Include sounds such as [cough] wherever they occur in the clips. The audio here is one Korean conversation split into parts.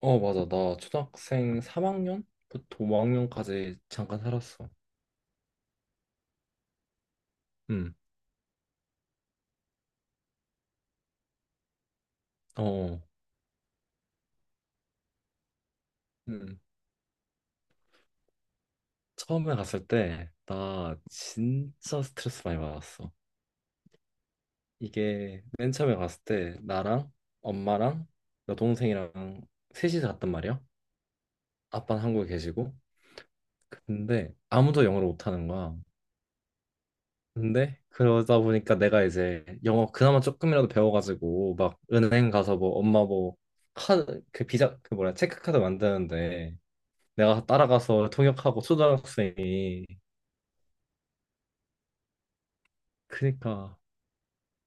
어, 맞아. 나 초등학생 3학년부터 5학년까지 잠깐 살았어. 음, 어, 음. 처음에 갔을 때, 나 진짜 스트레스 많이 받았어. 이게, 맨 처음에 갔을 때, 나랑, 엄마랑, 여동생이랑 셋이서 갔단 말이야. 아빠는 한국에 계시고. 근데, 아무도 영어를 못하는 거야. 근데 그러다 보니까 내가 이제 영어 그나마 조금이라도 배워가지고 막 은행 가서 뭐 엄마 뭐 카드 그 비자 그 뭐야 체크카드 만드는데 내가 따라가서 통역하고 초등학생이. 그니까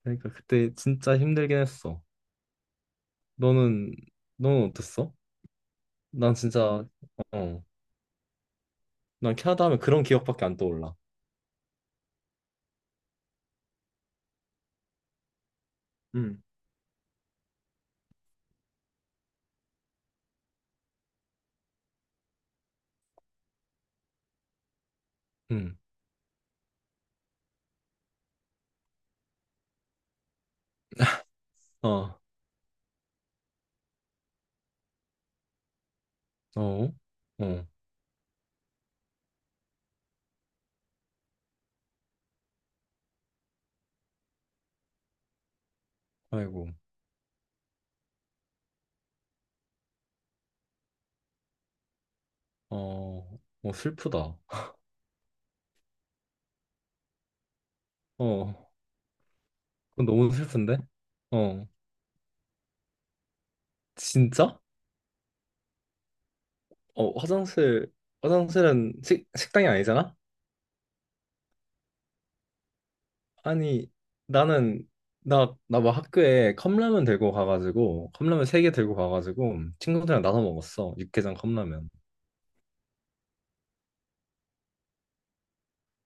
그니까 그때 진짜 힘들긴 했어. 너는 너는 어땠어? 난 진짜 어 난 캐나다 하면 그런 기억밖에 안 떠올라. 음. 응, 아, 어, 어, 아이고, 어, 어, 슬프다. 어, 그건 너무 슬픈데? 어. 진짜? 어, 화장실, 화장실은 식당이 아니잖아? 아니, 나는, 나 막 학교에 컵라면 들고 가가지고, 컵라면 세 개 들고 가가지고, 친구들이랑 나눠 먹었어. 육개장 컵라면.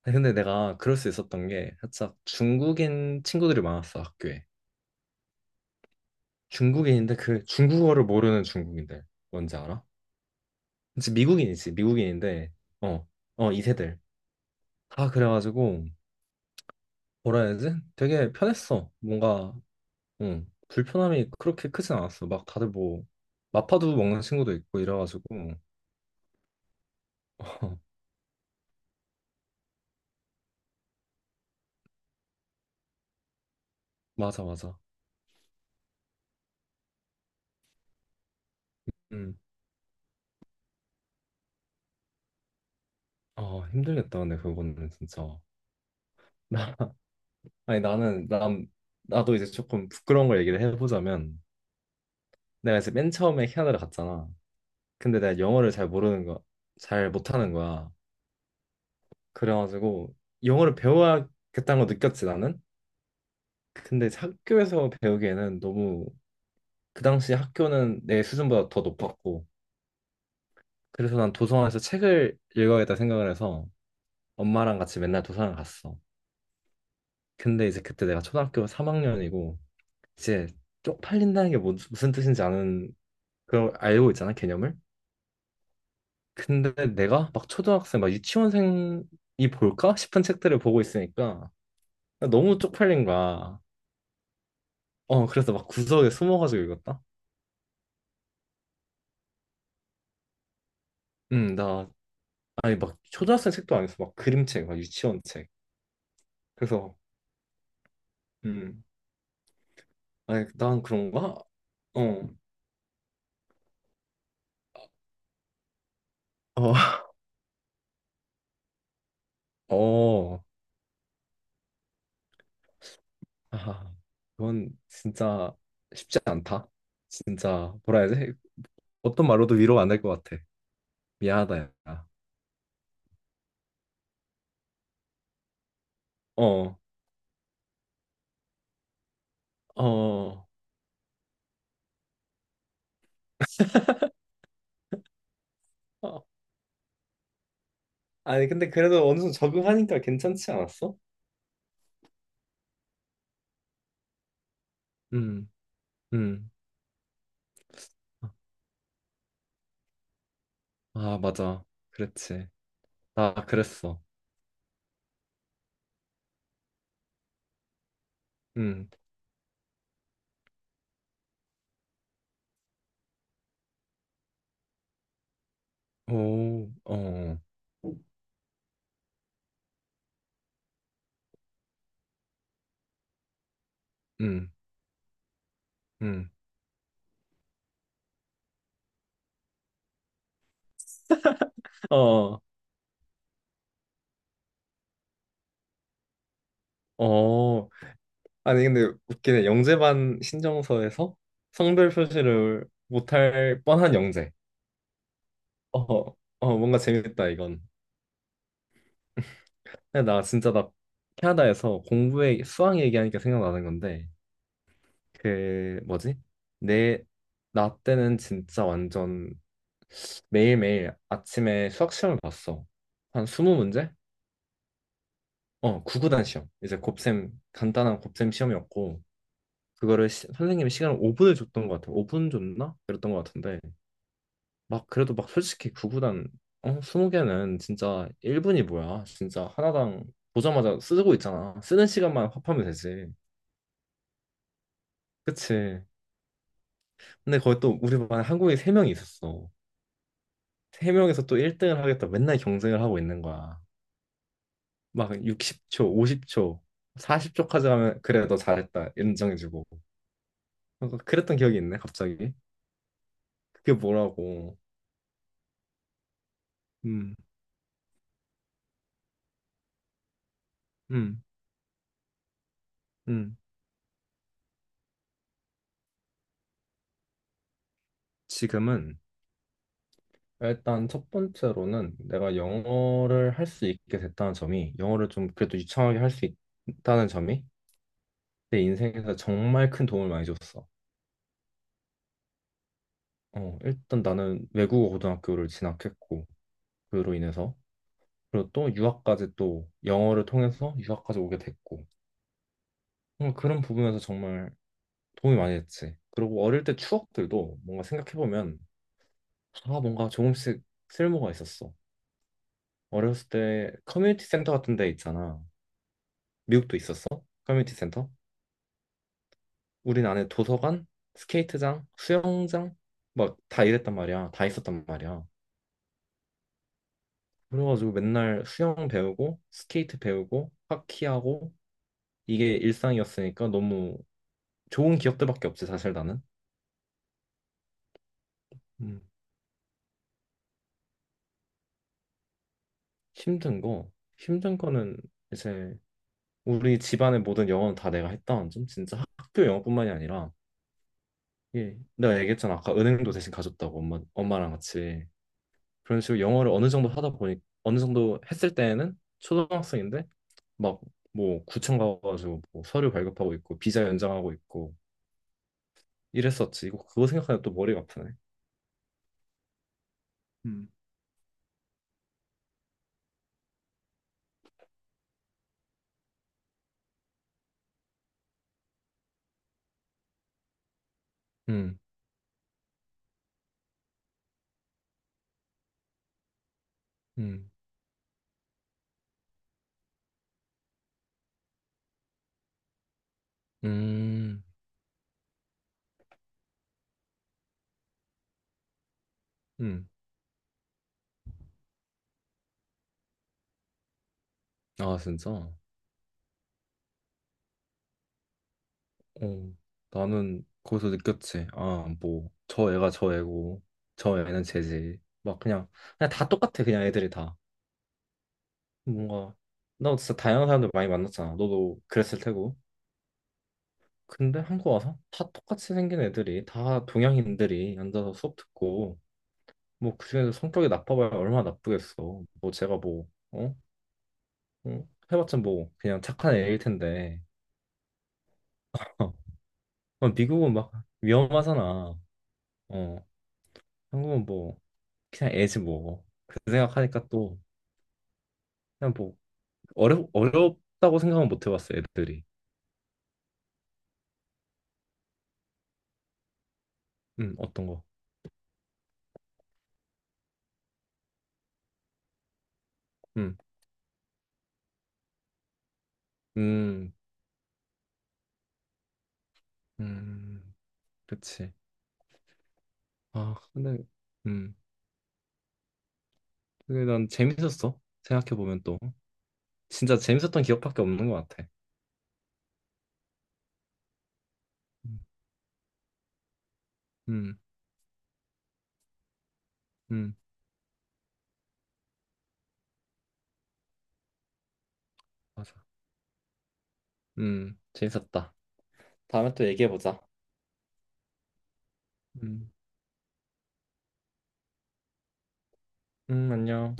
근데 내가 그럴 수 있었던 게, 살짝 중국인 친구들이 많았어, 학교에. 중국인인데, 그 중국어를 모르는 중국인들. 뭔지 알아? 그치, 미국인이지, 미국인인데, 어, 어, 이세들. 다 그래가지고, 뭐라 해야 되지? 되게 편했어. 뭔가 응. 불편함이 그렇게 크진 않았어. 막 다들 뭐 마파두 먹는 친구도 있고 이래가지고. [laughs] 맞아 맞아. 응. 아 힘들겠다 근데 그거는 진짜. [laughs] 아니 나는 난 나도 이제 조금 부끄러운 걸 얘기를 해보자면 내가 이제 맨 처음에 캐나다를 갔잖아. 근데 내가 영어를 잘 모르는 거, 잘 못하는 거야. 그래가지고 영어를 배워야겠다는 거 느꼈지 나는. 근데 이제 학교에서 배우기에는 너무 그 당시 학교는 내 수준보다 더 높았고 그래서 난 도서관에서 책을 읽어야겠다 생각을 해서 엄마랑 같이 맨날 도서관 갔어. 근데 이제 그때 내가 초등학교 3학년이고 이제 쪽팔린다는 게 무슨 뜻인지 아는 그걸 알고 있잖아 개념을. 근데 내가 막 초등학생 막 유치원생이 볼까 싶은 책들을 보고 있으니까 너무 쪽팔린 거야. 어 그래서 막 구석에 숨어가지고 읽었다. 나 아니 막 초등학생 책도 아니었어. 막 그림책 막 유치원 책. 그래서 음 아니 난 그런가? 어. 어. 어, 아, 그건 진짜 쉽지 않다. 진짜 뭐라 해야 지 어떤 말로도 위로가 안 될 것 같아. 미안하다, 야. 어, 어, 어, 아니, 근데 그래도 어느 정도 적응하니까 괜찮지 않았어? 음, 음. 아, 맞아. 그랬지. 나 그랬어. 음, 오, 어, 음, 음. 어, 어, 아니, 근데 웃기네. 영재반 신청서에서 성별 표시를 못 할 뻔한 영재. 어, 어, 뭔가 재밌다, 이건. 근데 나 캐나다에서 공부에, 수학 얘기하니까 생각나는 건데, 그, 뭐지? 내, 나 때는 진짜 완전 매일매일 아침에 수학 시험을 봤어. 한 20문제? 어, 구구단 시험. 이제 곱셈, 간단한 곱셈 시험이었고, 그거를 선생님이 시간을 5분을 줬던 것 같아. 5분 줬나? 그랬던 것 같은데, 막 그래도 막 솔직히 구구단 20개는 진짜 1분이 뭐야. 진짜 하나당 보자마자 쓰고 있잖아. 쓰는 시간만 합하면 되지. 그치. 근데 거기 또 우리 반에 한국인 3명이 있었어. 3명에서 또 1등을 하겠다 맨날 경쟁을 하고 있는 거야. 막 60초, 50초, 40초까지 하면 그래 너 잘했다 인정해주고. 뭔가 그랬던 기억이 있네 갑자기. 그게 뭐라고. 음. 음, 음. 지금은 일단 첫 번째로는 내가 영어를 할 수 있게 됐다는 점이, 영어를 좀 그래도 유창하게 할 수 있다는 점이 내 인생에서 정말 큰 도움을 많이 줬어. 어, 일단 나는 외국어 고등학교를 진학했고 그로 인해서, 그리고 또 유학까지, 또 영어를 통해서 유학까지 오게 됐고, 어, 그런 부분에서 정말 도움이 많이 됐지. 그리고 어릴 때 추억들도 뭔가 생각해보면 다 뭔가 조금씩 쓸모가 있었어. 어렸을 때 커뮤니티 센터 같은 데 있잖아. 미국도 있었어? 커뮤니티 센터? 우린 안에 도서관, 스케이트장, 수영장 막 다 이랬단 말이야. 다 있었단 말이야. 그래가지고 맨날 수영 배우고 스케이트 배우고 하키하고, 이게 일상이었으니까 너무 좋은 기억들밖에 없지 사실 나는. 음. 힘든 거 힘든 거는 이제 우리 집안의 모든 영어는 다 내가 했다는 점. 진짜 학교 영어뿐만이 아니라 예, 내가 얘기했잖아 아까 은행도 대신 가줬다고. 엄마랑 같이 그런 식으로 영어를 어느 정도 하다 보니, 어느 정도 했을 때에는 초등학생인데 막 뭐 구청 가가지고 뭐 서류 발급하고 있고 비자 연장하고 있고 이랬었지. 이거 그거 생각하면 또 머리가 아프네. 음. 음, 음, 음, 음. 아, 진짜? 어, 나는 거기서 느꼈지. 아, 뭐, 저 애가 저 애고, 저 애는 쟤지. 막 그냥, 그냥 다 똑같아, 그냥 애들이 다. 뭔가, 나 진짜 다양한 사람들 많이 만났잖아. 너도 그랬을 테고. 근데 한국 와서 다 똑같이 생긴 애들이, 다 동양인들이 앉아서 수업 듣고, 뭐 그중에서 성격이 나빠봐야 얼마나 나쁘겠어. 뭐 제가 뭐 어? 어? 해봤자 뭐 그냥 착한 애일 텐데. [laughs] 어, 미국은 막 위험하잖아. 어. 한국은 뭐 그냥 애지 뭐. 그 생각하니까 또 그냥 뭐 어렵다고 생각은 못 해봤어 애들이. 어떤 거? 음. 음, 음, 그치. 아 근데 음. 그게 난 재밌었어. 생각해보면 또. 진짜 재밌었던 기억밖에 없는 것 같아. 음, 음, 음, 맞아. 재밌었다. 다음에 또 얘기해보자. 음, 안녕.